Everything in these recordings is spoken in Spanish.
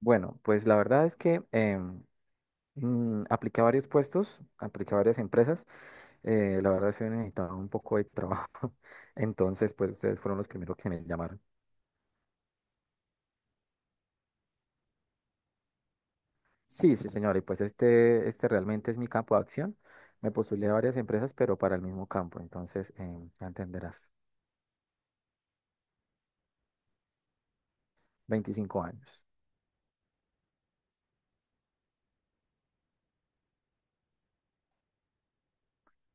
Bueno, pues la verdad es que apliqué a varios puestos, apliqué a varias empresas. La verdad es que necesitaba un poco de trabajo. Entonces, pues ustedes fueron los primeros que me llamaron. Sí, sí, señor. Y pues este realmente es mi campo de acción. Me postulé a varias empresas, pero para el mismo campo. Entonces, ya entenderás. 25 años.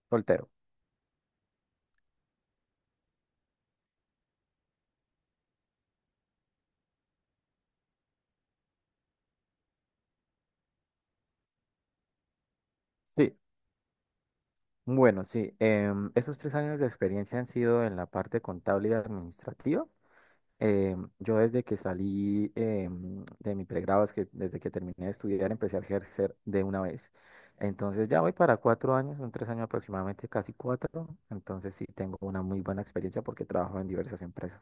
Soltero. Sí. Bueno, sí. Esos tres años de experiencia han sido en la parte contable y administrativa. Yo desde que salí, de mi pregrado, es que desde que terminé de estudiar, empecé a ejercer de una vez. Entonces ya voy para cuatro años, son tres años aproximadamente, casi cuatro. Entonces sí tengo una muy buena experiencia porque trabajo en diversas empresas.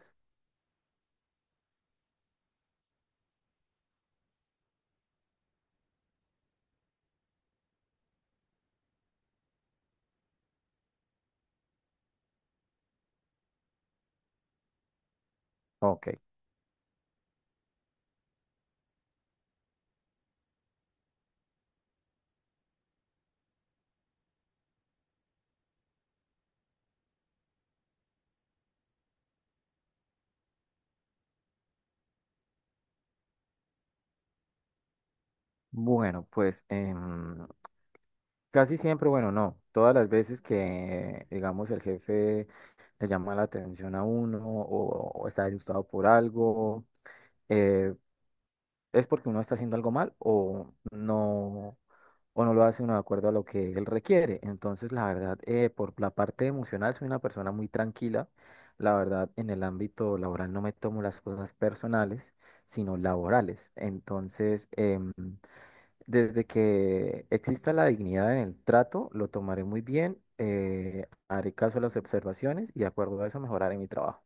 Ok, bueno, pues casi siempre, bueno, no, todas las veces que, digamos, el jefe le llama la atención a uno o está disgustado por algo. eh, es porque uno está haciendo algo mal o no lo hace uno de acuerdo a lo que él requiere. Entonces, la verdad, por la parte emocional soy una persona muy tranquila. La verdad, en el ámbito laboral no me tomo las cosas personales, sino laborales. Entonces, desde que exista la dignidad en el trato, lo tomaré muy bien, haré caso a las observaciones y de acuerdo a eso mejoraré mi trabajo.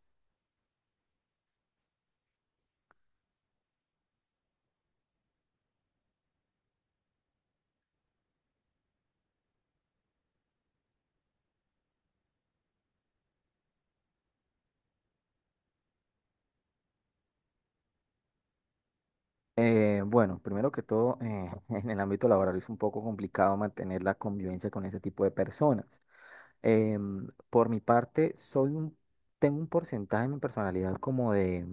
Bueno, primero que todo, en el ámbito laboral es un poco complicado mantener la convivencia con ese tipo de personas. Por mi parte, tengo un porcentaje en mi personalidad como de,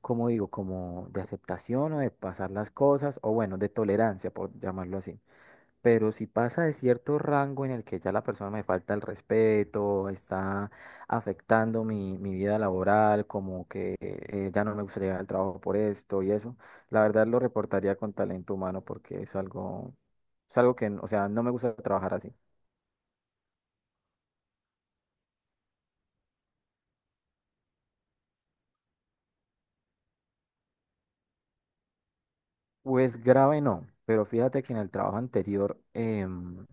como digo, como de aceptación o de pasar las cosas, o bueno, de tolerancia, por llamarlo así. Pero si pasa de cierto rango en el que ya la persona me falta el respeto, está afectando mi vida laboral, como que ya no me gustaría ir al trabajo por esto y eso, la verdad lo reportaría con talento humano porque es algo que, o sea, no me gusta trabajar así. Pues grave no, pero fíjate que en el trabajo anterior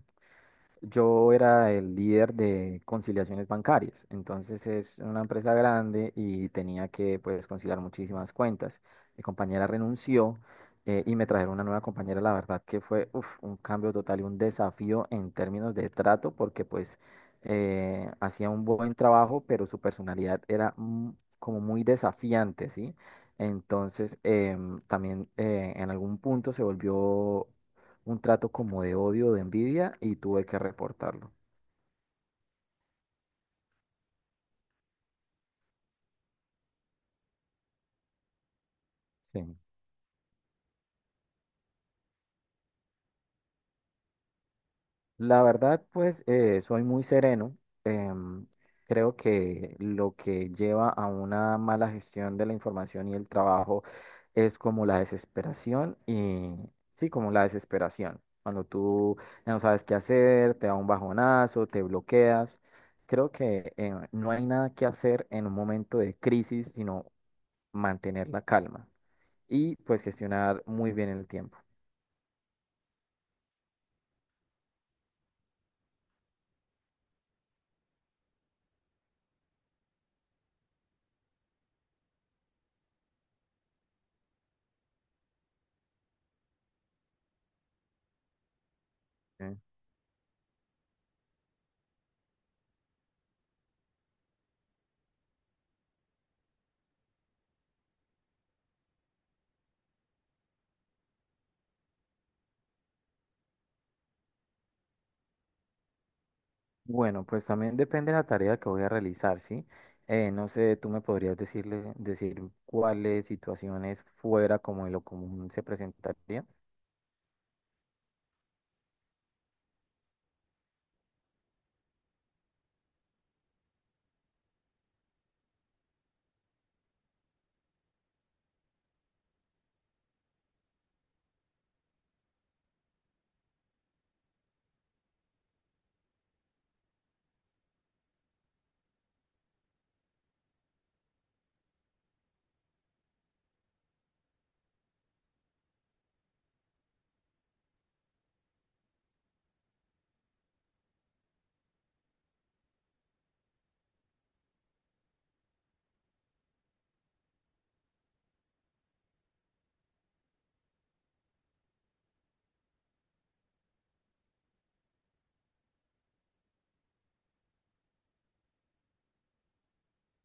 yo era el líder de conciliaciones bancarias, entonces es una empresa grande y tenía que pues conciliar muchísimas cuentas. Mi compañera renunció, y me trajeron una nueva compañera, la verdad que fue uf, un cambio total y un desafío en términos de trato porque pues hacía un buen trabajo, pero su personalidad era como muy desafiante, ¿sí? Entonces también en algún punto se volvió un trato como de odio, de envidia y tuve que reportarlo. Sí. La verdad, pues soy muy sereno. em, Creo que lo que lleva a una mala gestión de la información y el trabajo es como la desesperación y sí, como la desesperación. Cuando tú ya no sabes qué hacer, te da un bajonazo, te bloqueas. Creo que no hay nada que hacer en un momento de crisis, sino mantener la calma. Y pues gestionar muy bien el tiempo. Ok. Bueno, pues también depende de la tarea que voy a realizar, ¿sí? No sé, tú me podrías decir cuáles situaciones fuera como de lo común se presentarían.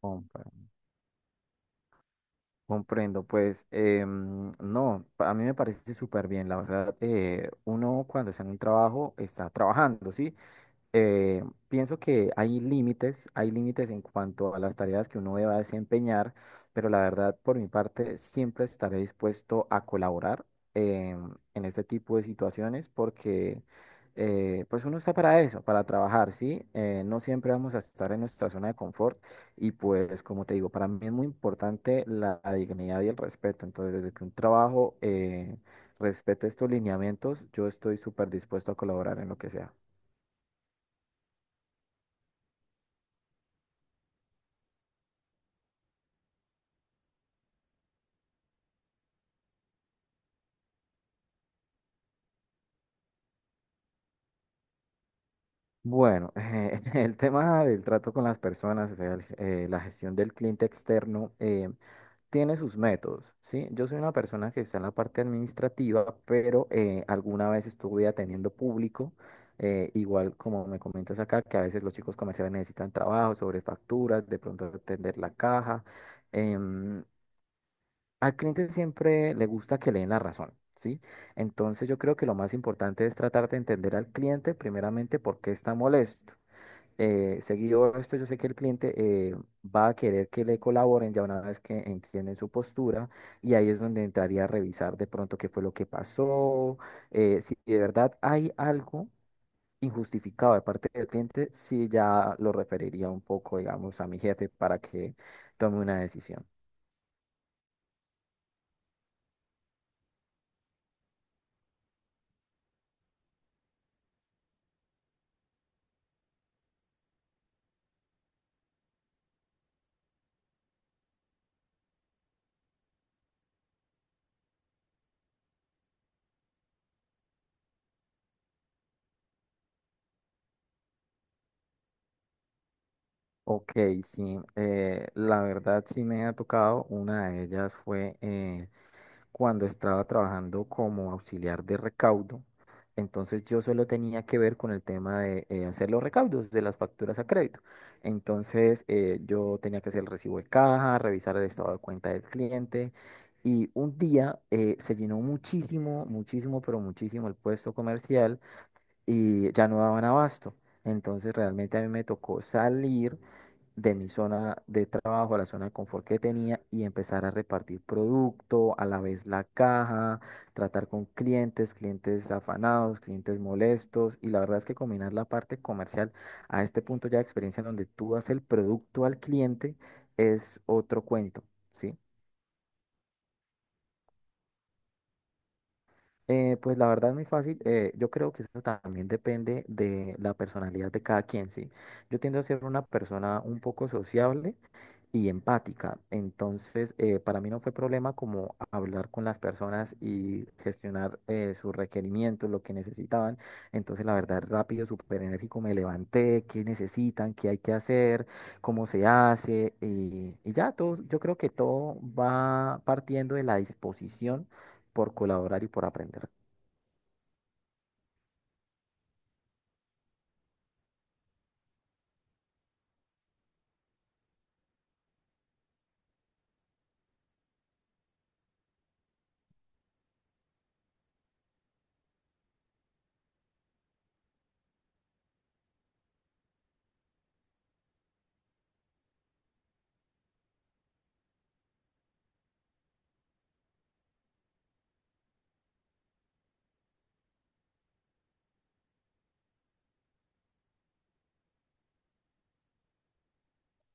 Compra. Comprendo, pues no, a mí me parece súper bien, la verdad, uno cuando está en un trabajo está trabajando, ¿sí? eh, Pienso que hay límites en cuanto a las tareas que uno deba desempeñar, pero la verdad, por mi parte, siempre estaré dispuesto a colaborar eh, en este tipo de situaciones porque pues uno está para eso, para trabajar, ¿sí? No siempre vamos a estar en nuestra zona de confort y pues como te digo, para mí es muy importante la dignidad y el respeto, entonces desde que un trabajo respete estos lineamientos, yo estoy súper dispuesto a colaborar en lo que sea. Bueno, el tema del trato con las personas, o sea, la gestión del cliente externo, tiene sus métodos, ¿sí? Yo soy una persona que está en la parte administrativa, pero alguna vez estuve atendiendo público, igual como me comentas acá, que a veces los chicos comerciales necesitan trabajo sobre facturas, de pronto atender la caja. em, Al cliente siempre le gusta que le den la razón. ¿Sí? Entonces yo creo que lo más importante es tratar de entender al cliente primeramente por qué está molesto. Seguido esto, yo sé que el cliente eh, va a querer que le colaboren ya una vez que entienden su postura y ahí es donde entraría a revisar de pronto qué fue lo que pasó, si de verdad hay algo injustificado de parte del cliente, si ya lo referiría un poco, digamos, a mi jefe para que tome una decisión. Ok, sí, la verdad sí me ha tocado, una de ellas fue cuando estaba trabajando como auxiliar de recaudo. Entonces yo solo tenía que ver con el tema de hacer los recaudos de las facturas a crédito. Entonces yo tenía que hacer el recibo de caja, revisar el estado de cuenta del cliente. Y un día se llenó muchísimo, muchísimo, pero muchísimo el puesto comercial y ya no daban abasto. Entonces realmente a mí me tocó salir de mi zona de trabajo, a la zona de confort que tenía y empezar a repartir producto, a la vez la caja, tratar con clientes, clientes afanados, clientes molestos y la verdad es que combinar la parte comercial a este punto ya de experiencia en donde tú das el producto al cliente es otro cuento, ¿sí? Pues la verdad es muy fácil. Yo creo que eso también depende de la personalidad de cada quien, ¿sí? Yo tiendo a ser una persona un poco sociable y empática. Entonces, para mí no fue problema como hablar con las personas y gestionar sus requerimientos, lo que necesitaban. Entonces, la verdad, rápido, súper enérgico, me levanté, qué necesitan, qué hay que hacer, cómo se hace. Y ya, todo, yo creo que todo va partiendo de la disposición por colaborar y por aprender.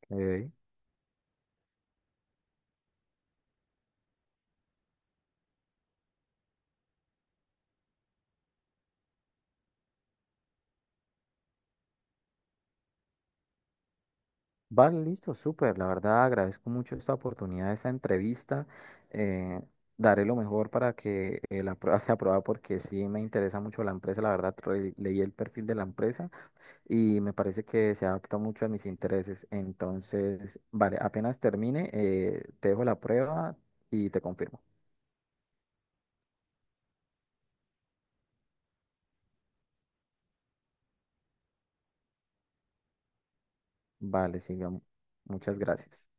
Ok. Vale, listo, súper. La verdad agradezco mucho esta oportunidad, esta entrevista. eh, Daré lo mejor para que la prueba sea aprobada porque sí me interesa mucho la empresa. La verdad, leí el perfil de la empresa y me parece que se adapta mucho a mis intereses. Entonces, vale, apenas termine, te dejo la prueba y te confirmo. Vale, Silvia, muchas gracias.